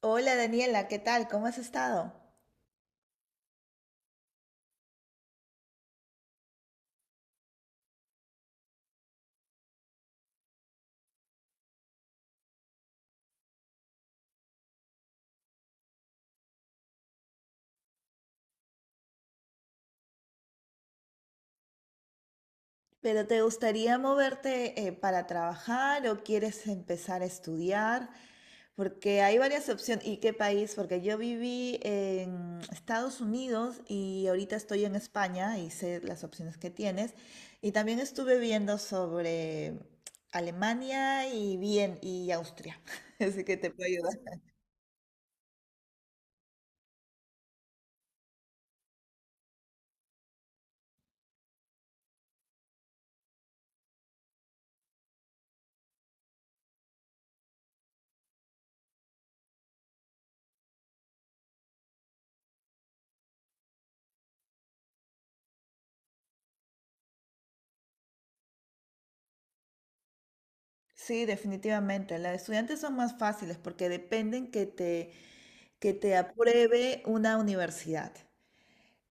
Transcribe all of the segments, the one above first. Hola Daniela, ¿qué tal? ¿Cómo has estado? ¿Pero te gustaría moverte para trabajar o quieres empezar a estudiar? Porque hay varias opciones. ¿Y qué país? Porque yo viví en Estados Unidos y ahorita estoy en España y sé las opciones que tienes. Y también estuve viendo sobre Alemania y bien y Austria. Así que te puedo ayudar. Sí, definitivamente. Las de estudiantes son más fáciles porque dependen que te apruebe una universidad.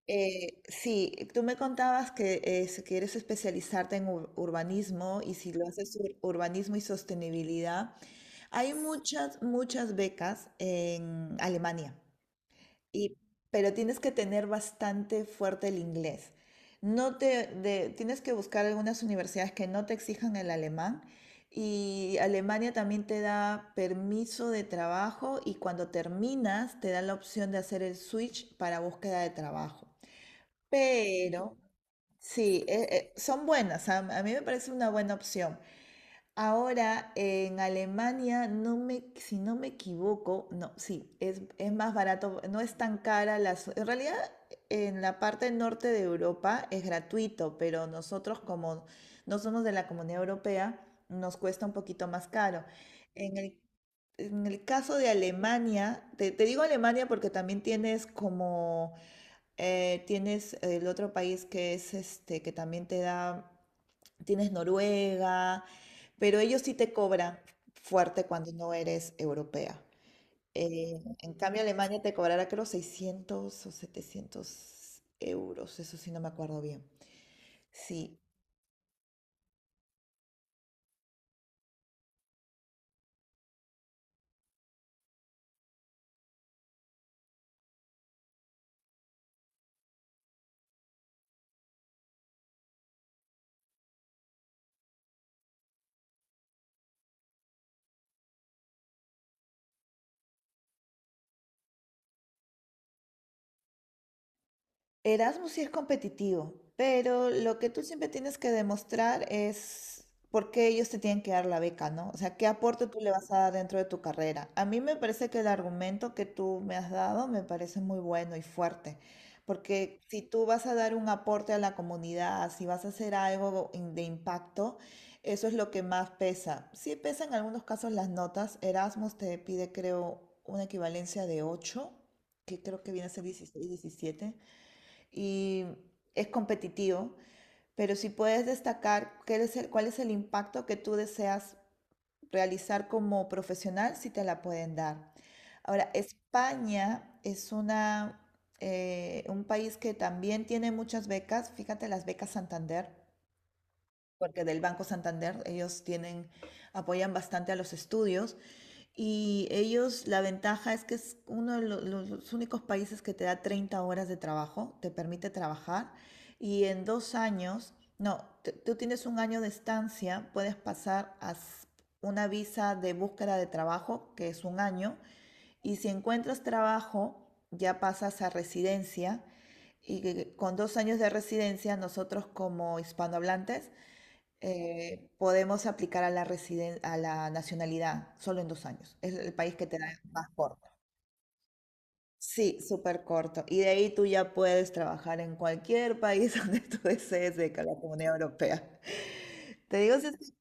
Sí, tú me contabas que si quieres especializarte en urbanismo y si lo haces urbanismo y sostenibilidad, hay muchas, muchas becas en Alemania y, pero tienes que tener bastante fuerte el inglés. No, tienes que buscar algunas universidades que no te exijan el alemán y Alemania también te da permiso de trabajo y cuando terminas te da la opción de hacer el switch para búsqueda de trabajo. Pero sí, son buenas, a mí me parece una buena opción. Ahora en Alemania, si no me equivoco, no, sí, es más barato, no es tan cara. En realidad, en la parte norte de Europa es gratuito, pero nosotros como no somos de la Comunidad Europea, nos cuesta un poquito más caro. En el, en el caso de Alemania, te digo Alemania porque también tienes como tienes el otro país que es este, que también te da, tienes Noruega, pero ellos sí te cobran fuerte cuando no eres europea. En cambio, Alemania te cobrará creo 600 o 700 euros, eso sí no me acuerdo bien. Sí, Erasmus sí es competitivo, pero lo que tú siempre tienes que demostrar es por qué ellos te tienen que dar la beca, ¿no? O sea, qué aporte tú le vas a dar dentro de tu carrera. A mí me parece que el argumento que tú me has dado me parece muy bueno y fuerte, porque si tú vas a dar un aporte a la comunidad, si vas a hacer algo de impacto, eso es lo que más pesa. Sí pesa en algunos casos las notas. Erasmus te pide, creo, una equivalencia de 8, que creo que viene a ser 16, 17 y es competitivo, pero si puedes destacar cuál es el impacto que tú deseas realizar como profesional, si te la pueden dar. Ahora, España es un país que también tiene muchas becas. Fíjate las becas Santander, porque del Banco Santander ellos tienen, apoyan bastante a los estudios. Y ellos, la ventaja es que es uno de los únicos países que te da 30 horas de trabajo, te permite trabajar. Y en 2 años, no, tú tienes un año de estancia, puedes pasar a una visa de búsqueda de trabajo, que es un año. Y si encuentras trabajo, ya pasas a residencia. Con 2 años de residencia, nosotros como hispanohablantes podemos aplicar a a la nacionalidad solo en 2 años. Es el país que te da más corto. Sí, súper corto. Y de ahí tú ya puedes trabajar en cualquier país donde tú desees de la Comunidad Europea. Te digo, sí, sí,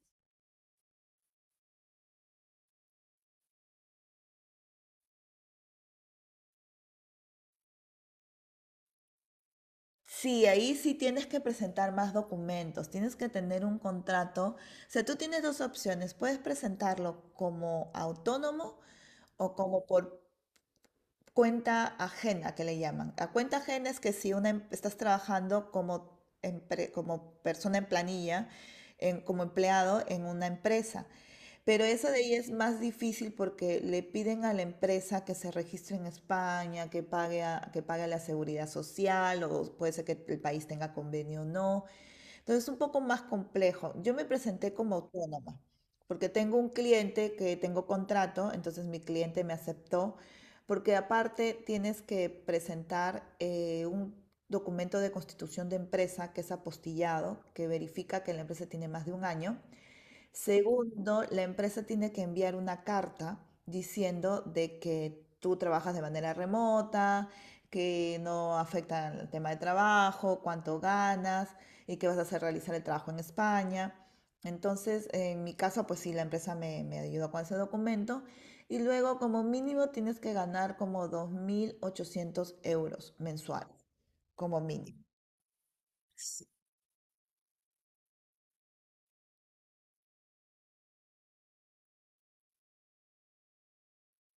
sí, ahí sí tienes que presentar más documentos, tienes que tener un contrato. O sea, tú tienes dos opciones, puedes presentarlo como autónomo o como por cuenta ajena, que le llaman. La cuenta ajena es que si estás trabajando como persona en planilla, como empleado en una empresa, pero eso de ahí es más difícil porque le piden a la empresa que se registre en España, que pague a la seguridad social, o puede ser que el país tenga convenio o no, entonces, es un poco más complejo. Yo me presenté como autónoma, porque tengo un cliente que tengo contrato, entonces mi cliente me aceptó, porque aparte tienes que presentar un documento de constitución de empresa que es apostillado, que verifica que la empresa tiene más de un año. Segundo, la empresa tiene que enviar una carta diciendo de que tú trabajas de manera remota, que no afecta el tema de trabajo, cuánto ganas y que vas a hacer realizar el trabajo en España. Entonces, en mi caso, pues sí, la empresa me ayudó con ese documento. Y luego, como mínimo, tienes que ganar como 2.800 euros mensuales, como mínimo.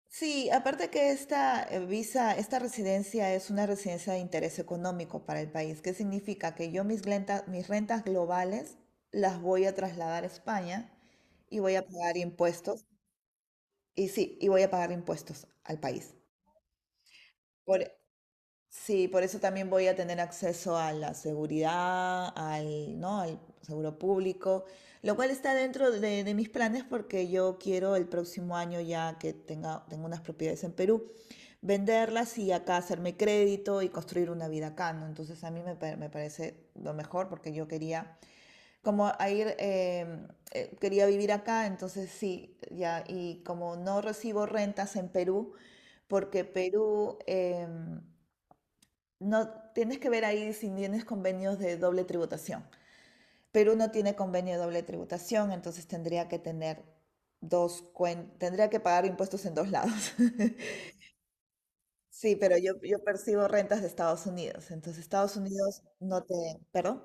Sí, aparte que esta visa, esta residencia es una residencia de interés económico para el país. ¿Qué significa? Que yo mis rentas globales las voy a trasladar a España y voy a pagar impuestos. Y sí, voy a pagar impuestos al país. Sí, por eso también voy a tener acceso a la seguridad, al, ¿no? al seguro público, lo cual está dentro de mis planes porque yo quiero el próximo año ya que tengo unas propiedades en Perú, venderlas y acá hacerme crédito y construir una vida acá, ¿no? Entonces a mí me, pa- me parece lo mejor porque yo quería, como a ir, eh, quería vivir acá, entonces sí, ya, y como no recibo rentas en Perú, porque no, tienes que ver ahí si tienes convenios de doble tributación. Perú no tiene convenio de doble tributación, entonces tendría que tener tendría que pagar impuestos en dos lados. Sí, pero yo percibo rentas de Estados Unidos, entonces Estados Unidos no te. ¿Perdón?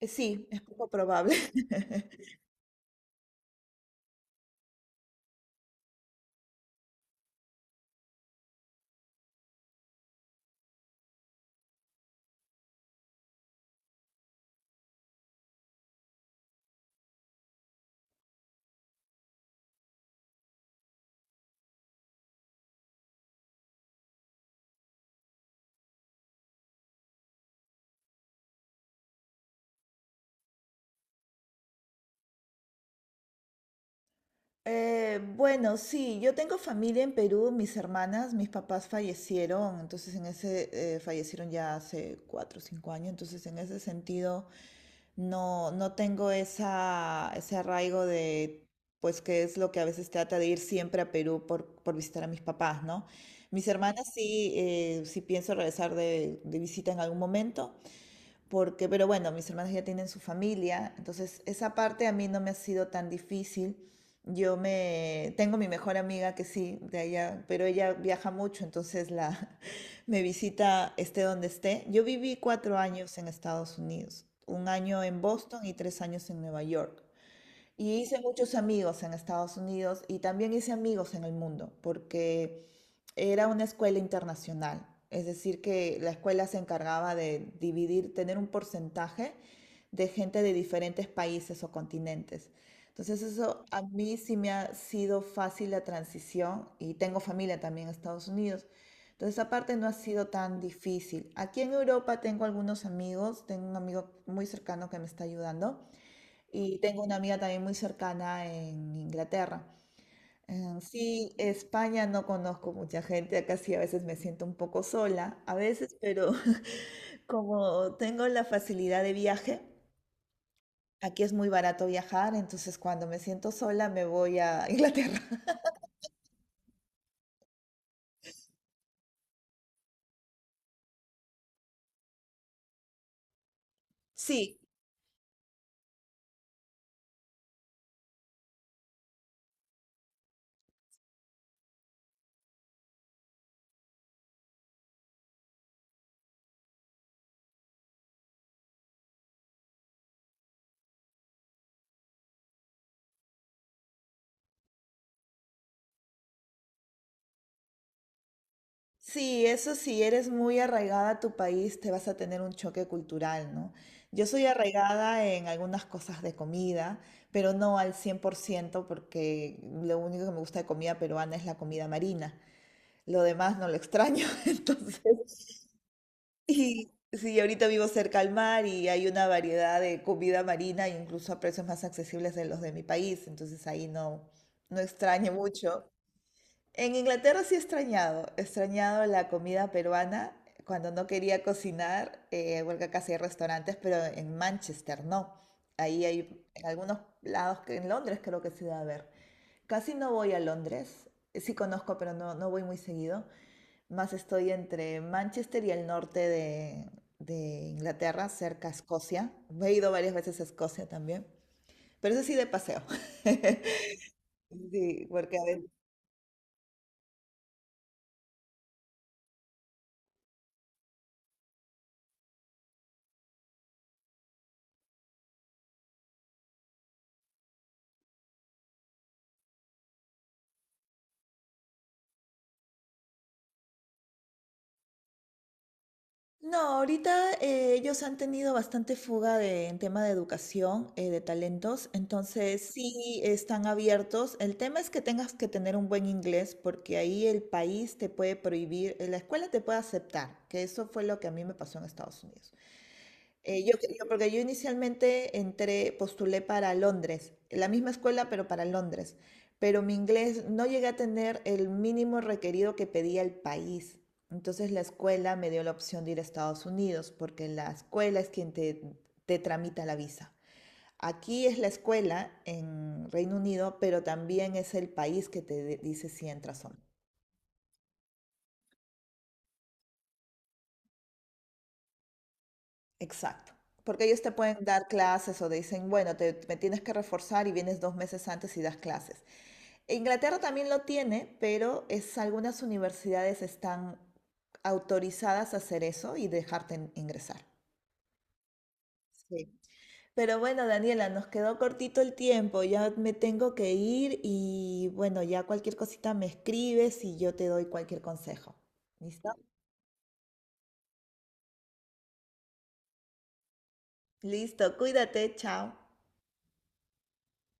Sí, es poco probable. Bueno, sí, yo tengo familia en Perú, mis hermanas, mis papás fallecieron, entonces en fallecieron ya hace 4 o 5 años, entonces en ese sentido no, no tengo ese arraigo de, pues, que es lo que a veces trata de ir siempre a Perú por visitar a mis papás, ¿no? Mis hermanas sí, sí pienso regresar de visita en algún momento, pero bueno, mis hermanos ya tienen su familia, entonces esa parte a mí no me ha sido tan difícil. Yo me tengo mi mejor amiga que sí, de allá, pero ella viaja mucho, entonces la me visita esté donde esté. Yo viví 4 años en Estados Unidos, un año en Boston y 3 años en Nueva York. Y hice muchos amigos en Estados Unidos y también hice amigos en el mundo, porque era una escuela internacional. Es decir, que la escuela se encargaba de dividir, tener un porcentaje de gente de diferentes países o continentes. Entonces eso a mí sí me ha sido fácil la transición y tengo familia también en Estados Unidos. Entonces esa parte no ha sido tan difícil. Aquí en Europa tengo algunos amigos, tengo un amigo muy cercano que me está ayudando y tengo una amiga también muy cercana en Inglaterra. Sí, España no conozco mucha gente, acá sí a veces me siento un poco sola, a veces, pero como tengo la facilidad de viaje, aquí es muy barato viajar, entonces cuando me siento sola me voy a Inglaterra. Sí, Sí, eso sí, eres muy arraigada a tu país, te vas a tener un choque cultural, ¿no? Yo soy arraigada en algunas cosas de comida, pero no al 100% porque lo único que me gusta de comida peruana es la comida marina. Lo demás no lo extraño, entonces sí, sí, ahorita vivo cerca al mar y hay una variedad de comida marina, incluso a precios más accesibles de los de mi país, entonces ahí no, no extraño mucho. En Inglaterra sí he extrañado la comida peruana cuando no quería cocinar, porque acá sí hay restaurantes, pero en Manchester no. Ahí hay en algunos lados, que en Londres creo que se debe haber. Casi no voy a Londres, sí conozco, pero no, no voy muy seguido. Más estoy entre Manchester y el norte de Inglaterra, cerca a Escocia. He ido varias veces a Escocia también, pero eso sí de paseo. Sí. porque a No, ahorita ellos han tenido bastante fuga en tema de educación, de talentos, entonces sí están abiertos. El tema es que tengas que tener un buen inglés porque ahí el país te puede prohibir, la escuela te puede aceptar, que eso fue lo que a mí me pasó en Estados Unidos. Eh, yo, Porque yo inicialmente entré, postulé para Londres, la misma escuela, pero para Londres. Pero mi inglés no llegué a tener el mínimo requerido que pedía el país. Entonces la escuela me dio la opción de ir a Estados Unidos, porque la escuela es quien te tramita la visa. Aquí es la escuela en Reino Unido, pero también es el país que te dice si entras o no. Exacto. Porque ellos te pueden dar clases o te dicen, bueno, me tienes que reforzar y vienes 2 meses antes y das clases. Inglaterra también lo tiene, pero es, algunas universidades están autorizadas a hacer eso y dejarte ingresar. Sí. Pero bueno, Daniela, nos quedó cortito el tiempo, ya me tengo que ir y bueno, ya cualquier cosita me escribes y yo te doy cualquier consejo. ¿Listo? Listo, cuídate, chao.